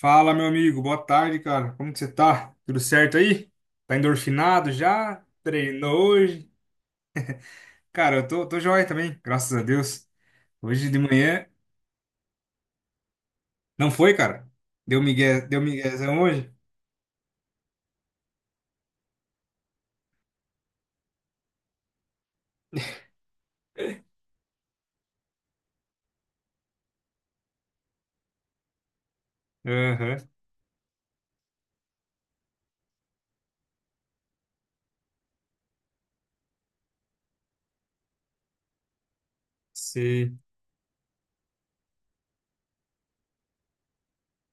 Fala, meu amigo. Boa tarde, cara. Como que você tá? Tudo certo aí? Tá endorfinado já? Treinou hoje? Cara, eu tô joia também, graças a Deus. Hoje de manhã... Não foi, cara? Deu migué, deu miguezão hoje? Aham, sei.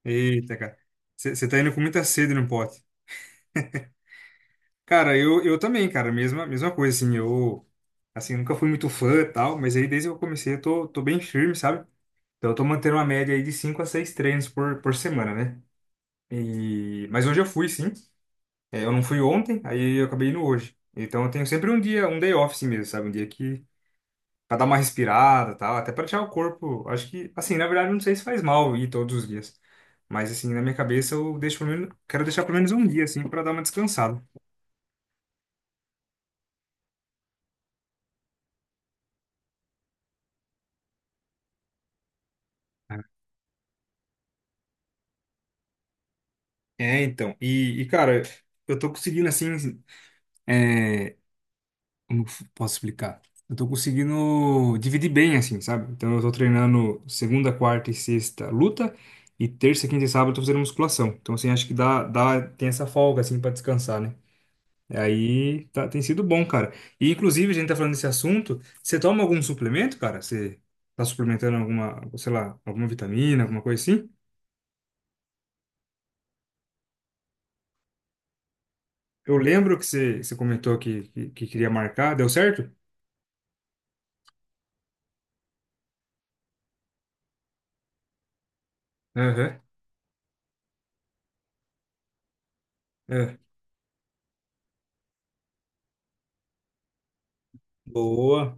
Eita, cara. Você tá indo com muita sede no pote. Cara, eu também, cara. Mesma coisa, assim. Eu, assim, nunca fui muito fã e tal, mas aí desde que eu comecei eu tô bem firme, sabe? Então eu tô mantendo uma média aí de 5 a 6 treinos por semana, né? E... Mas hoje eu fui, sim. É, eu não fui ontem, aí eu acabei indo hoje. Então eu tenho sempre um dia, um day off, assim mesmo, sabe? Um dia que. Pra dar uma respirada e tal, até pra tirar o corpo. Acho que, assim, na verdade, eu não sei se faz mal ir todos os dias. Mas, assim, na minha cabeça, eu deixo pelo menos, quero deixar pelo menos um dia, assim, pra dar uma descansada. É, então. E, cara, eu tô conseguindo, assim, é, como que eu posso explicar? Eu tô conseguindo dividir bem, assim, sabe? Então eu tô treinando segunda, quarta e sexta luta, e terça, quinta e sábado eu tô fazendo musculação. Então, assim, acho que dá, tem essa folga, assim, pra descansar, né? E aí tá, tem sido bom, cara. E inclusive, a gente tá falando desse assunto, você toma algum suplemento, cara? Você tá suplementando alguma, sei lá, alguma vitamina, alguma coisa assim? Eu lembro que você comentou que queria marcar, deu certo? Aham, é. Boa.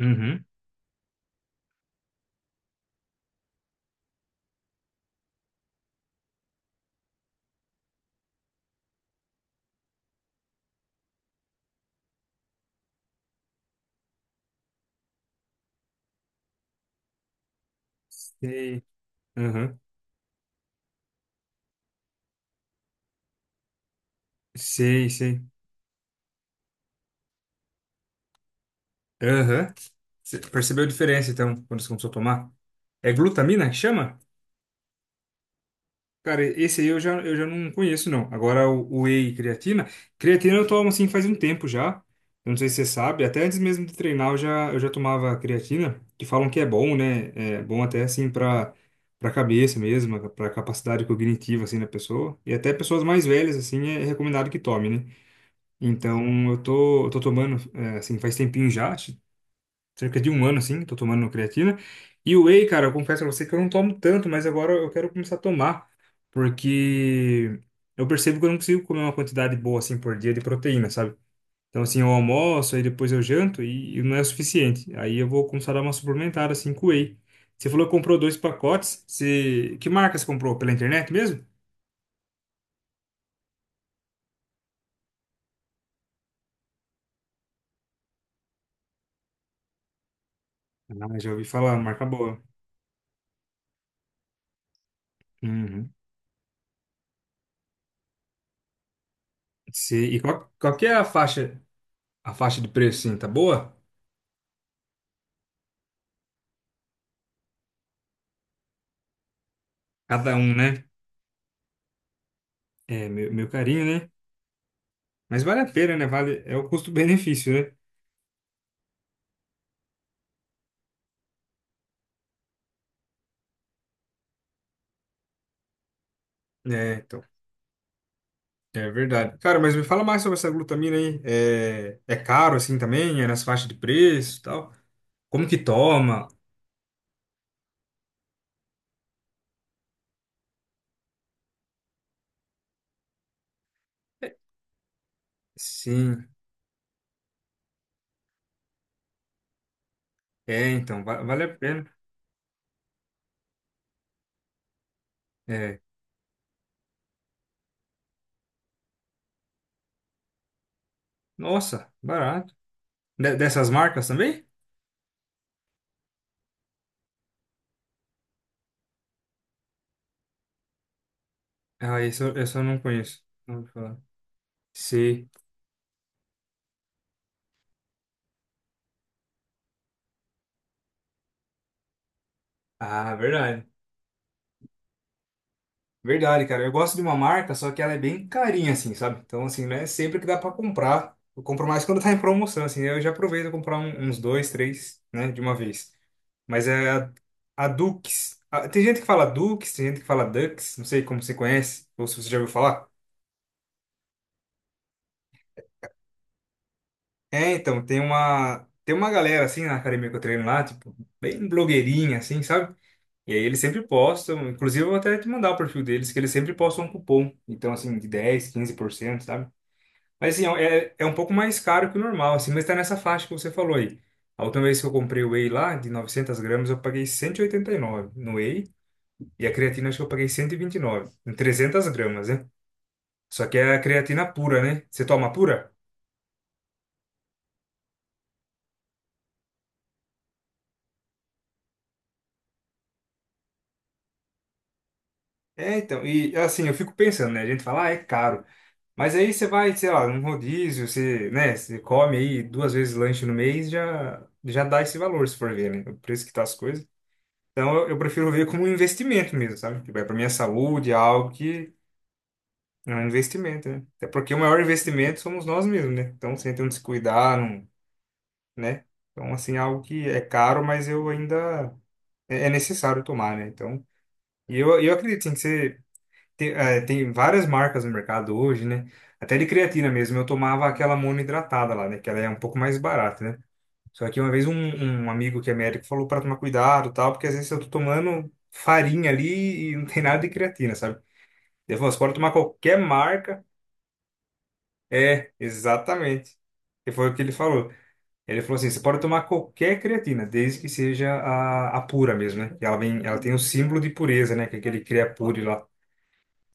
Uhum. Sei. Aham. Sei, sei. Aham. Cê percebeu a diferença, então, quando você começou a tomar? É glutamina que chama? Cara, esse aí eu já não conheço, não. Agora, o whey e creatina. Creatina eu tomo, assim, faz um tempo já. Eu não sei se você sabe. Até antes mesmo de treinar, eu já tomava creatina, que falam que é bom, né? É bom até, assim, pra, pra cabeça mesmo, pra capacidade cognitiva, assim, da pessoa. E até pessoas mais velhas, assim, é recomendado que tome, né? Então, eu tô tomando, assim, faz tempinho já. Cerca de um ano, assim, tô tomando creatina. E o whey, cara, eu confesso a você que eu não tomo tanto, mas agora eu quero começar a tomar, porque eu percebo que eu não consigo comer uma quantidade boa, assim, por dia de proteína, sabe? Então, assim, eu almoço, aí depois eu janto e não é o suficiente. Aí eu vou começar a dar uma suplementada, assim, com whey. Você falou que comprou dois pacotes. Você... Que marca você comprou? Pela internet mesmo? Ah, já ouvi falar, marca boa. Uhum. Você- E qual que é a faixa de preço, assim, tá boa? Cada um, né? É, meu carinho, né? Mas vale a pena, né? Vale, é o custo-benefício, né? É, então, é verdade. Cara, mas me fala mais sobre essa glutamina aí. É caro assim também? É nas faixas de preço e tal? Como que toma? Sim. É, então, vale a pena. É. Nossa, barato. De- dessas marcas também? Ah, isso eu, esse eu não conheço. Não vou falar. Sim. Ah, verdade. Verdade, cara. Eu gosto de uma marca, só que ela é bem carinha, assim, sabe? Então, assim, não é sempre que dá pra comprar. Eu compro mais quando tá em promoção, assim. Eu já aproveito a comprar um- uns dois, três, né, de uma vez. Mas é a Dux. A- tem gente que fala Dukes, tem gente que fala Dux. Não sei como você conhece, ou se você já ouviu falar. É, então, tem uma galera, assim, na academia que eu treino lá, tipo, bem blogueirinha, assim, sabe? E aí eles sempre postam, inclusive eu vou até te mandar o perfil deles, que eles sempre postam um cupom. Então, assim, de 10, 15% sabe? Mas assim, é um pouco mais caro que o normal, assim, mas tá nessa faixa que você falou aí. A última vez que eu comprei o whey lá, de 900 gramas, eu paguei 189 no whey, e a creatina acho que eu paguei 129, em 300 gramas, né? Só que é a creatina pura, né? Você toma pura? É, então, e assim, eu fico pensando, né? A gente fala, ah, é caro. Mas aí você vai, sei lá, num rodízio, você, né, você come aí duas vezes lanche no mês, já dá esse valor, se for ver, né? O preço que tá as coisas. Então eu prefiro ver como um investimento mesmo, sabe? Que vai para minha saúde, é algo que é um investimento, né? Até porque o maior investimento somos nós mesmos, né? Então sem ter um descuidar, não, né? Então assim, é algo que é caro, mas eu ainda é necessário tomar, né? Então, e eu acredito, sim, que você tem, tem várias marcas no mercado hoje, né? Até de creatina mesmo, eu tomava aquela monoidratada lá, né? Que ela é um pouco mais barata, né? Só que uma vez um amigo que é médico falou para tomar cuidado, e tal, porque às vezes eu tô tomando farinha ali e não tem nada de creatina, sabe? Ele falou, você pode tomar qualquer marca. É, exatamente. E foi o que ele falou. Ele falou assim, você pode tomar qualquer creatina, desde que seja a pura mesmo, né? Que ela vem, ela tem o símbolo de pureza, né? Que é aquele Creapure lá.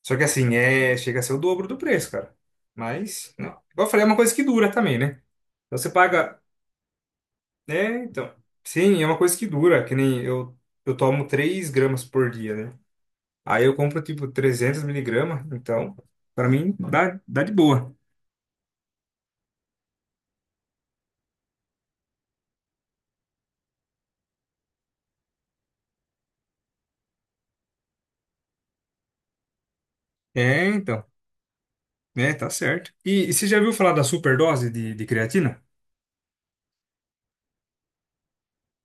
Só que assim, é, chega a ser o dobro do preço, cara. Mas, não. Igual eu falei, é uma coisa que dura também, né? Então você paga. É, então. Sim, é uma coisa que dura, que nem eu, eu tomo 3 gramas por dia, né? Aí eu compro tipo 300 miligramas, então, pra mim dá, dá de boa. É, então. É, tá certo. E você já viu falar da superdose de creatina?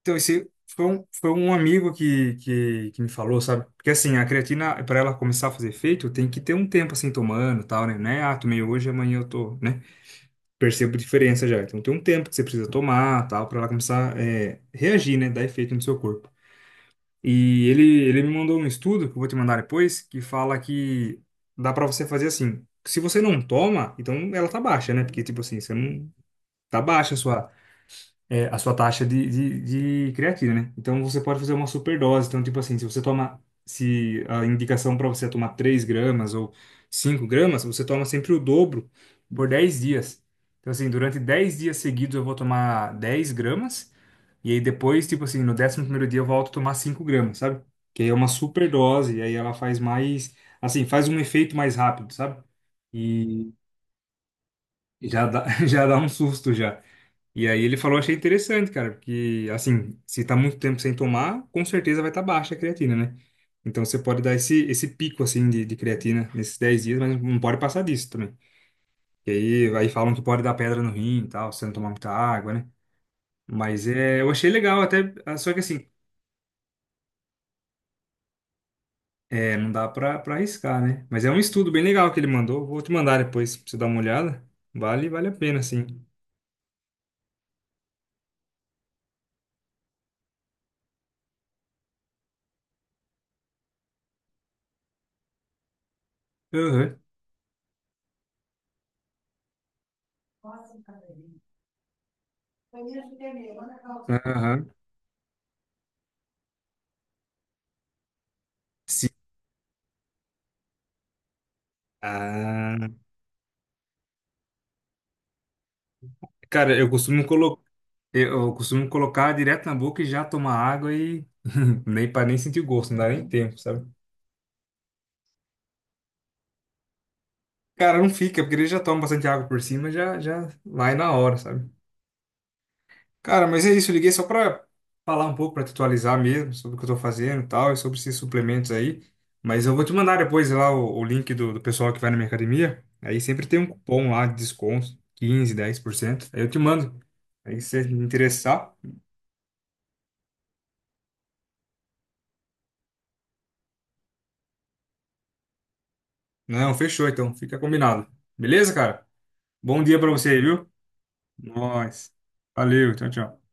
Então, esse foi foi um amigo que me falou, sabe? Porque assim, a creatina, pra ela começar a fazer efeito, tem que ter um tempo assim tomando e tal, né? Não é, ah, tomei hoje, amanhã eu tô, né? Percebo diferença já. Então tem um tempo que você precisa tomar, tal, para ela começar reagir, né, dar efeito no seu corpo. E ele me mandou um estudo que eu vou te mandar depois, que fala que dá para você fazer assim. Se você não toma, então ela tá baixa, né? Porque tipo assim, você não tá baixa a sua a sua taxa de creatina, né? Então você pode fazer uma superdose. Então, tipo assim, se você toma, se a indicação para você é tomar 3 gramas ou 5 gramas, você toma sempre o dobro por 10 dias. Então, assim, durante 10 dias seguidos eu vou tomar 10 gramas. E aí depois, tipo assim, no décimo primeiro dia eu volto a tomar 5 gramas, sabe? Que aí é uma superdose, e aí ela faz mais, assim, faz um efeito mais rápido, sabe? E já dá, já dá um susto já. E aí ele falou, achei interessante, cara, porque assim, se tá muito tempo sem tomar, com certeza vai estar, tá baixa a creatina, né? Então você pode dar esse pico assim de creatina nesses 10 dias, mas não pode passar disso também. Aí falam que pode dar pedra no rim e tal, se não tomar muita água, né? Mas é, eu achei legal até, ah, só que assim, é, não dá pra arriscar, né? Mas é um estudo bem legal que ele mandou, vou te mandar depois pra você dar uma olhada. Vale a pena, sim. Aham. Aham. Sim. Ah, cara, eu costumo colocar. Eu costumo colocar direto na boca e já tomar água e nem para nem sentir o gosto, não dá nem tempo, sabe? Cara, não fica, porque ele já toma bastante água por cima, já vai na hora, sabe? Cara, mas é isso, eu liguei só para falar um pouco, para te atualizar mesmo sobre o que eu tô fazendo e tal, e sobre esses suplementos aí. Mas eu vou te mandar depois lá o link do pessoal que vai na minha academia. Aí sempre tem um cupom lá de desconto, 15, 10% Aí eu te mando. Aí se você interessar. Não, fechou então, fica combinado. Beleza, cara? Bom dia para você, viu? Nós. Valeu, tchau, tchau.